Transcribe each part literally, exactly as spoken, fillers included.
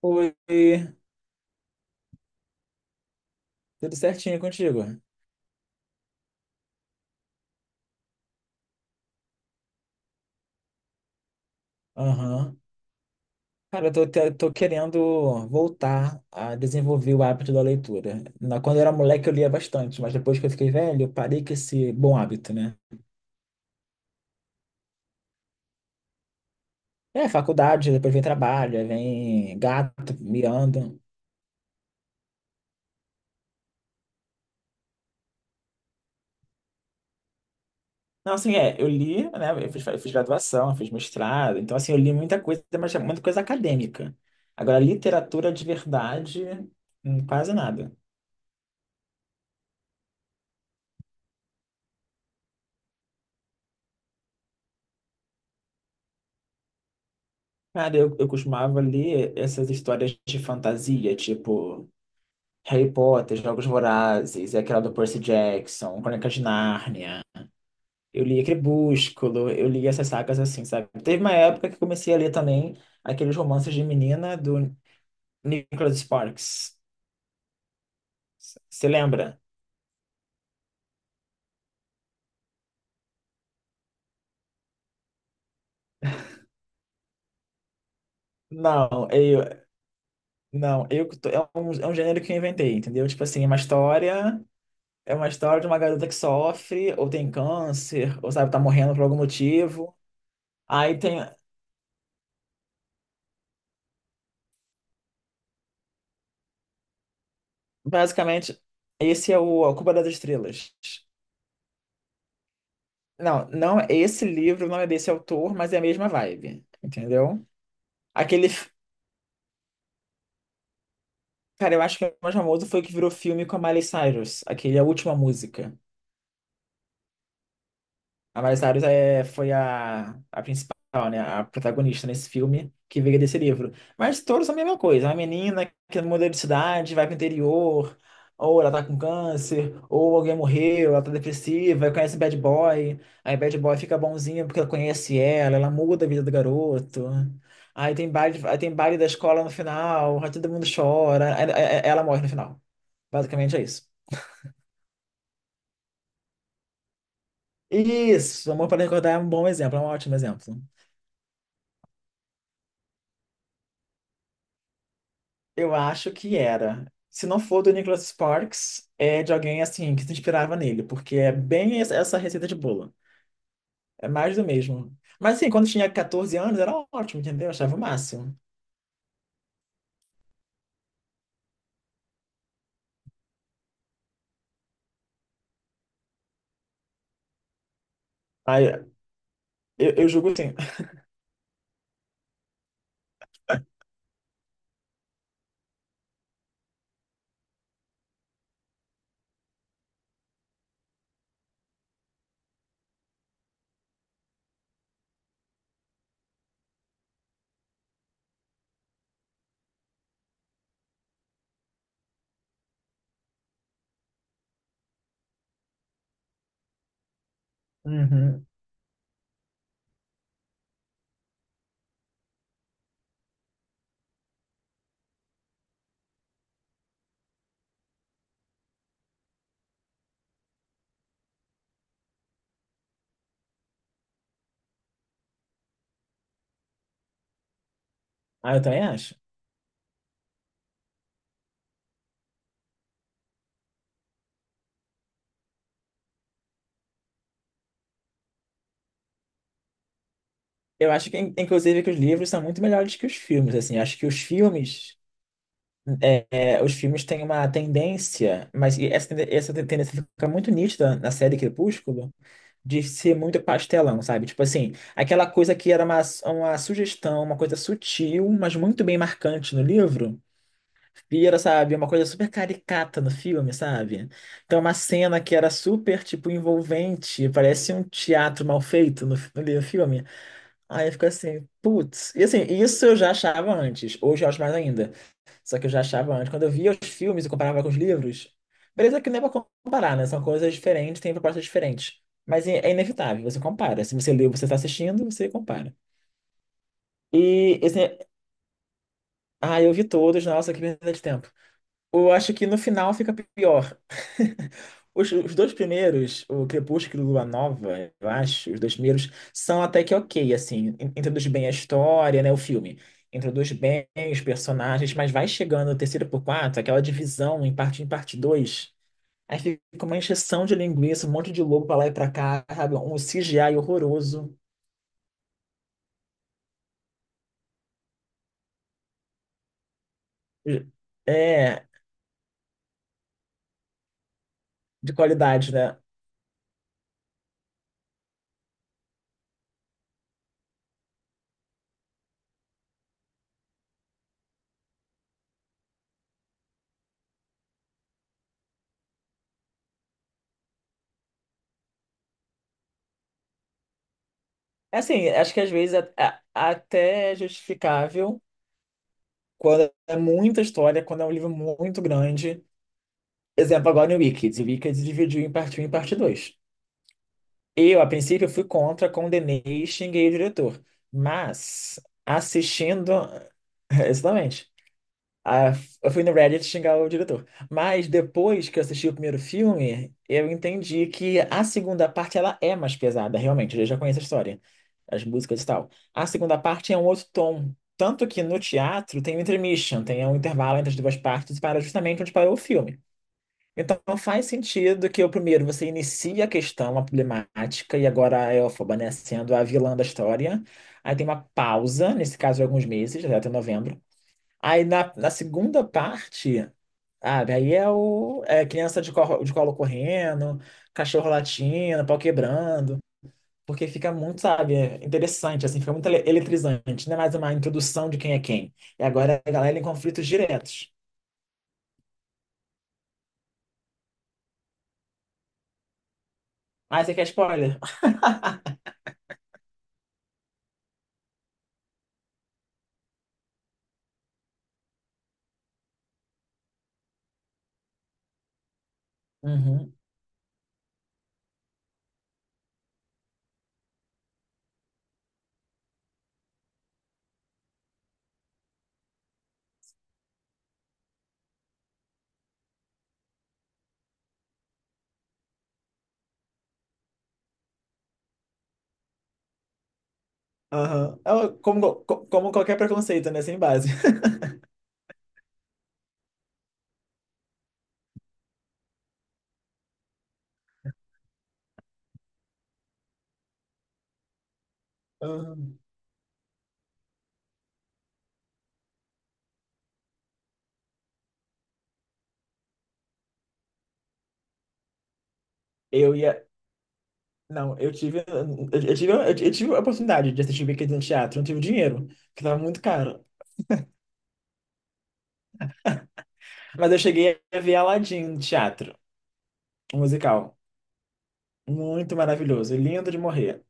Oi, tudo certinho contigo? Aham. Cara, eu tô, te- tô querendo voltar a desenvolver o hábito da leitura. Na, quando eu era moleque, eu lia bastante, mas depois que eu fiquei velho, eu parei com esse bom hábito, né? É, faculdade, depois vem trabalho, aí vem gato, miando. Não, assim, é, eu li, né? Eu fiz, eu fiz graduação, eu fiz mestrado, então, assim, eu li muita coisa, mas é muita coisa acadêmica. Agora, literatura de verdade, hum, quase nada. Cara, eu, eu costumava ler essas histórias de fantasia, tipo Harry Potter, Jogos Vorazes, aquela do Percy Jackson, Crônicas de Nárnia. Eu lia Crepúsculo, eu lia essas sagas assim, sabe? Teve uma época que comecei a ler também aqueles romances de menina do Nicholas Sparks. Você lembra? Não, eu, não, eu que tô- é um, é um gênero que eu inventei, entendeu? Tipo assim, é uma história, é uma história de uma garota que sofre, ou tem câncer, ou sabe, tá morrendo por algum motivo. Aí tem, basicamente, esse é o A Culpa das Estrelas. Não, não, esse livro não é desse autor, mas é a mesma vibe, entendeu? Aquele, f- cara, eu acho que o mais famoso foi o que virou filme com a Miley Cyrus, aquele A Última Música. A Miley Cyrus é, foi a, a principal, né? A protagonista nesse filme que veio desse livro. Mas todos são a mesma coisa. Uma menina que muda de cidade, vai pro interior, ou ela tá com câncer, ou alguém morreu, ela tá depressiva, aí conhece bad boy. Aí bad boy fica bonzinho porque ela conhece ela, ela muda a vida do garoto. Aí tem baile, aí tem baile da escola no final, aí todo mundo chora, aí- aí- aí ela morre no final. Basicamente é isso. Isso, Amor para Recordar é um bom exemplo, é um ótimo exemplo. Eu acho que era. Se não for do Nicholas Sparks, é de alguém assim que se inspirava nele, porque é bem es- essa receita de bolo. É mais do mesmo. Mas assim, quando tinha catorze anos era ótimo, entendeu? Eu achava o máximo. Aí, eu, eu julgo assim. Uhum. Ah, eu também acho. Eu acho que, in- inclusive, que os livros são muito melhores que os filmes, assim. Acho que os filmes, é, é, os filmes têm uma tendência, mas e essa, tende- essa tendência fica muito nítida na série Crepúsculo, de ser muito pastelão, sabe? Tipo assim, aquela coisa que era uma, uma sugestão, uma coisa sutil, mas muito bem marcante no livro, vira, sabe, uma coisa super caricata no filme, sabe? Então, uma cena que era super, tipo, envolvente, parece um teatro mal feito no, no livro- filme. Aí fica assim, putz. E assim, isso eu já achava antes, hoje eu acho mais ainda. Só que eu já achava antes. Quando eu via os filmes e comparava com os livros, beleza que não é pra comparar, né? São coisas diferentes, têm propostas diferentes. Mas é é inevitável, você compara. Se você leu, você está assistindo, você compara. E esse... Ah, eu vi todos, nossa, que perda de tempo. Eu acho que no final fica pior. Os, os dois primeiros, o Crepúsculo e Lua Nova, eu acho, os dois primeiros são até que ok, assim, in- introduz bem a história, né, o filme. Introduz bem os personagens, mas vai chegando o terceiro por quatro, aquela divisão em parte um e parte dois. Aí fica uma encheção de linguiça, um monte de lobo pra lá e pra cá, sabe? Um C G I horroroso. É, de qualidade, né? É assim, acho que às vezes é, é até justificável. Quando é muita história, quando é um livro muito grande. Exemplo, agora no Wicked. O Wicked dividiu em parte um e parte dois. Eu, a princípio, fui contra, condenei e xinguei o diretor. Mas, assistindo. Exatamente. Ah, eu fui no Reddit xingar o diretor. Mas depois que eu assisti o primeiro filme, eu entendi que a segunda parte ela é mais pesada, realmente. Eu já conheço a história, as músicas e tal. A segunda parte é um outro tom. Tanto que no teatro tem um intermission, tem um intervalo entre as duas partes para justamente onde parou o filme. Então faz sentido que o primeiro você inicia a questão, a problemática, e agora a Elphaba, né, sendo a vilã da história. Aí tem uma pausa, nesse caso, de alguns meses, até novembro. Aí na, na segunda parte, sabe, aí é o é criança de colo, de colo correndo, cachorro latindo, pau quebrando, porque fica muito, sabe, interessante, assim, fica muito ele- eletrizante, não é mais uma introdução de quem é quem. E agora a galera em conflitos diretos. Ah, você quer spoiler? Uhum. Aham. É o- como, co- como qualquer preconceito, né? Sem base. Aham. Eu ia. Não, eu tive, eu eu tive, eu tive a oportunidade de assistir Wicked no teatro, eu não tive dinheiro, que tava muito caro. Mas eu cheguei a ver Aladdin no teatro, um musical. Muito maravilhoso, lindo de morrer.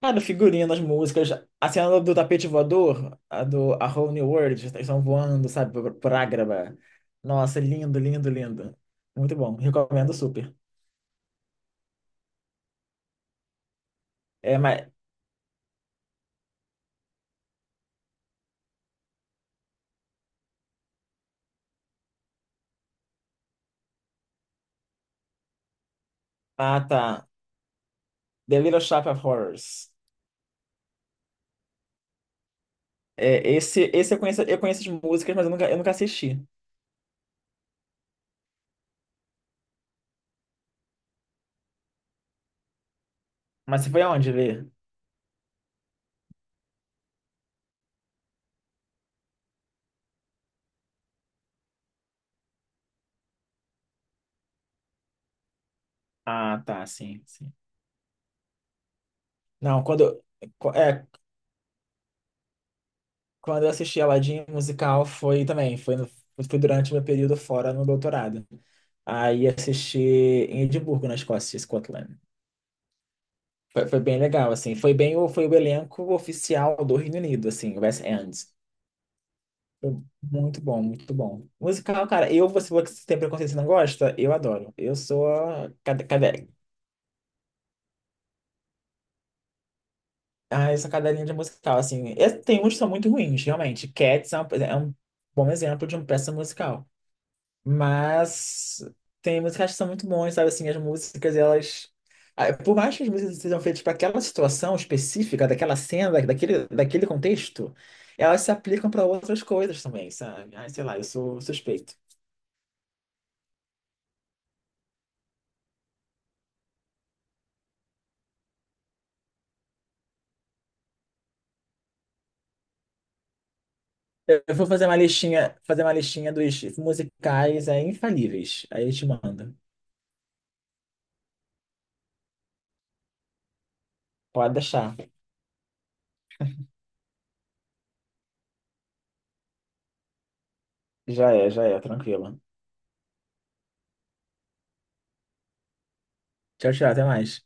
Cara, o figurino, as músicas, a cena do tapete voador, a do A Whole New World, eles estão voando, sabe, por, por Ágraba. Nossa, lindo, lindo, lindo. Muito bom, recomendo super. É, mas, ah, tá. The Little Shop of Horrors. É, esse, esse eu conheço, eu conheço as músicas, mas eu nunca, eu nunca assisti. Mas você foi aonde ver? Ah, tá, sim, sim. Não, quando, é, quando eu assisti Aladdin musical foi também, foi, no- foi durante meu período fora no doutorado. Aí assisti em Edimburgo, na Escócia, Scotland. Foi, foi bem legal, assim. Foi bem o, foi o elenco oficial do Reino Unido, assim, o West End. Foi muito bom, muito bom. Musical, cara, eu, você falou que você tem preconceito e não gosta, eu adoro. Eu sou a cade, cade, ah, eu sou cadelinha de musical, assim. E tem uns que são muito ruins, realmente. Cats é um, é um bom exemplo de uma peça musical. Mas tem músicas que são muito bons, sabe? Assim, as músicas, elas. Ah, por mais que as músicas sejam feitas para aquela situação específica, daquela cena, da- daquele, daquele contexto, elas se aplicam para outras coisas também, sabe? Ai, sei lá, eu sou suspeito. Eu eu vou fazer uma listinha, fazer uma listinha dos musicais aí, infalíveis. Aí eu te mando. Pode deixar. Já é, já é, tranquilo. Tchau, tchau, até mais.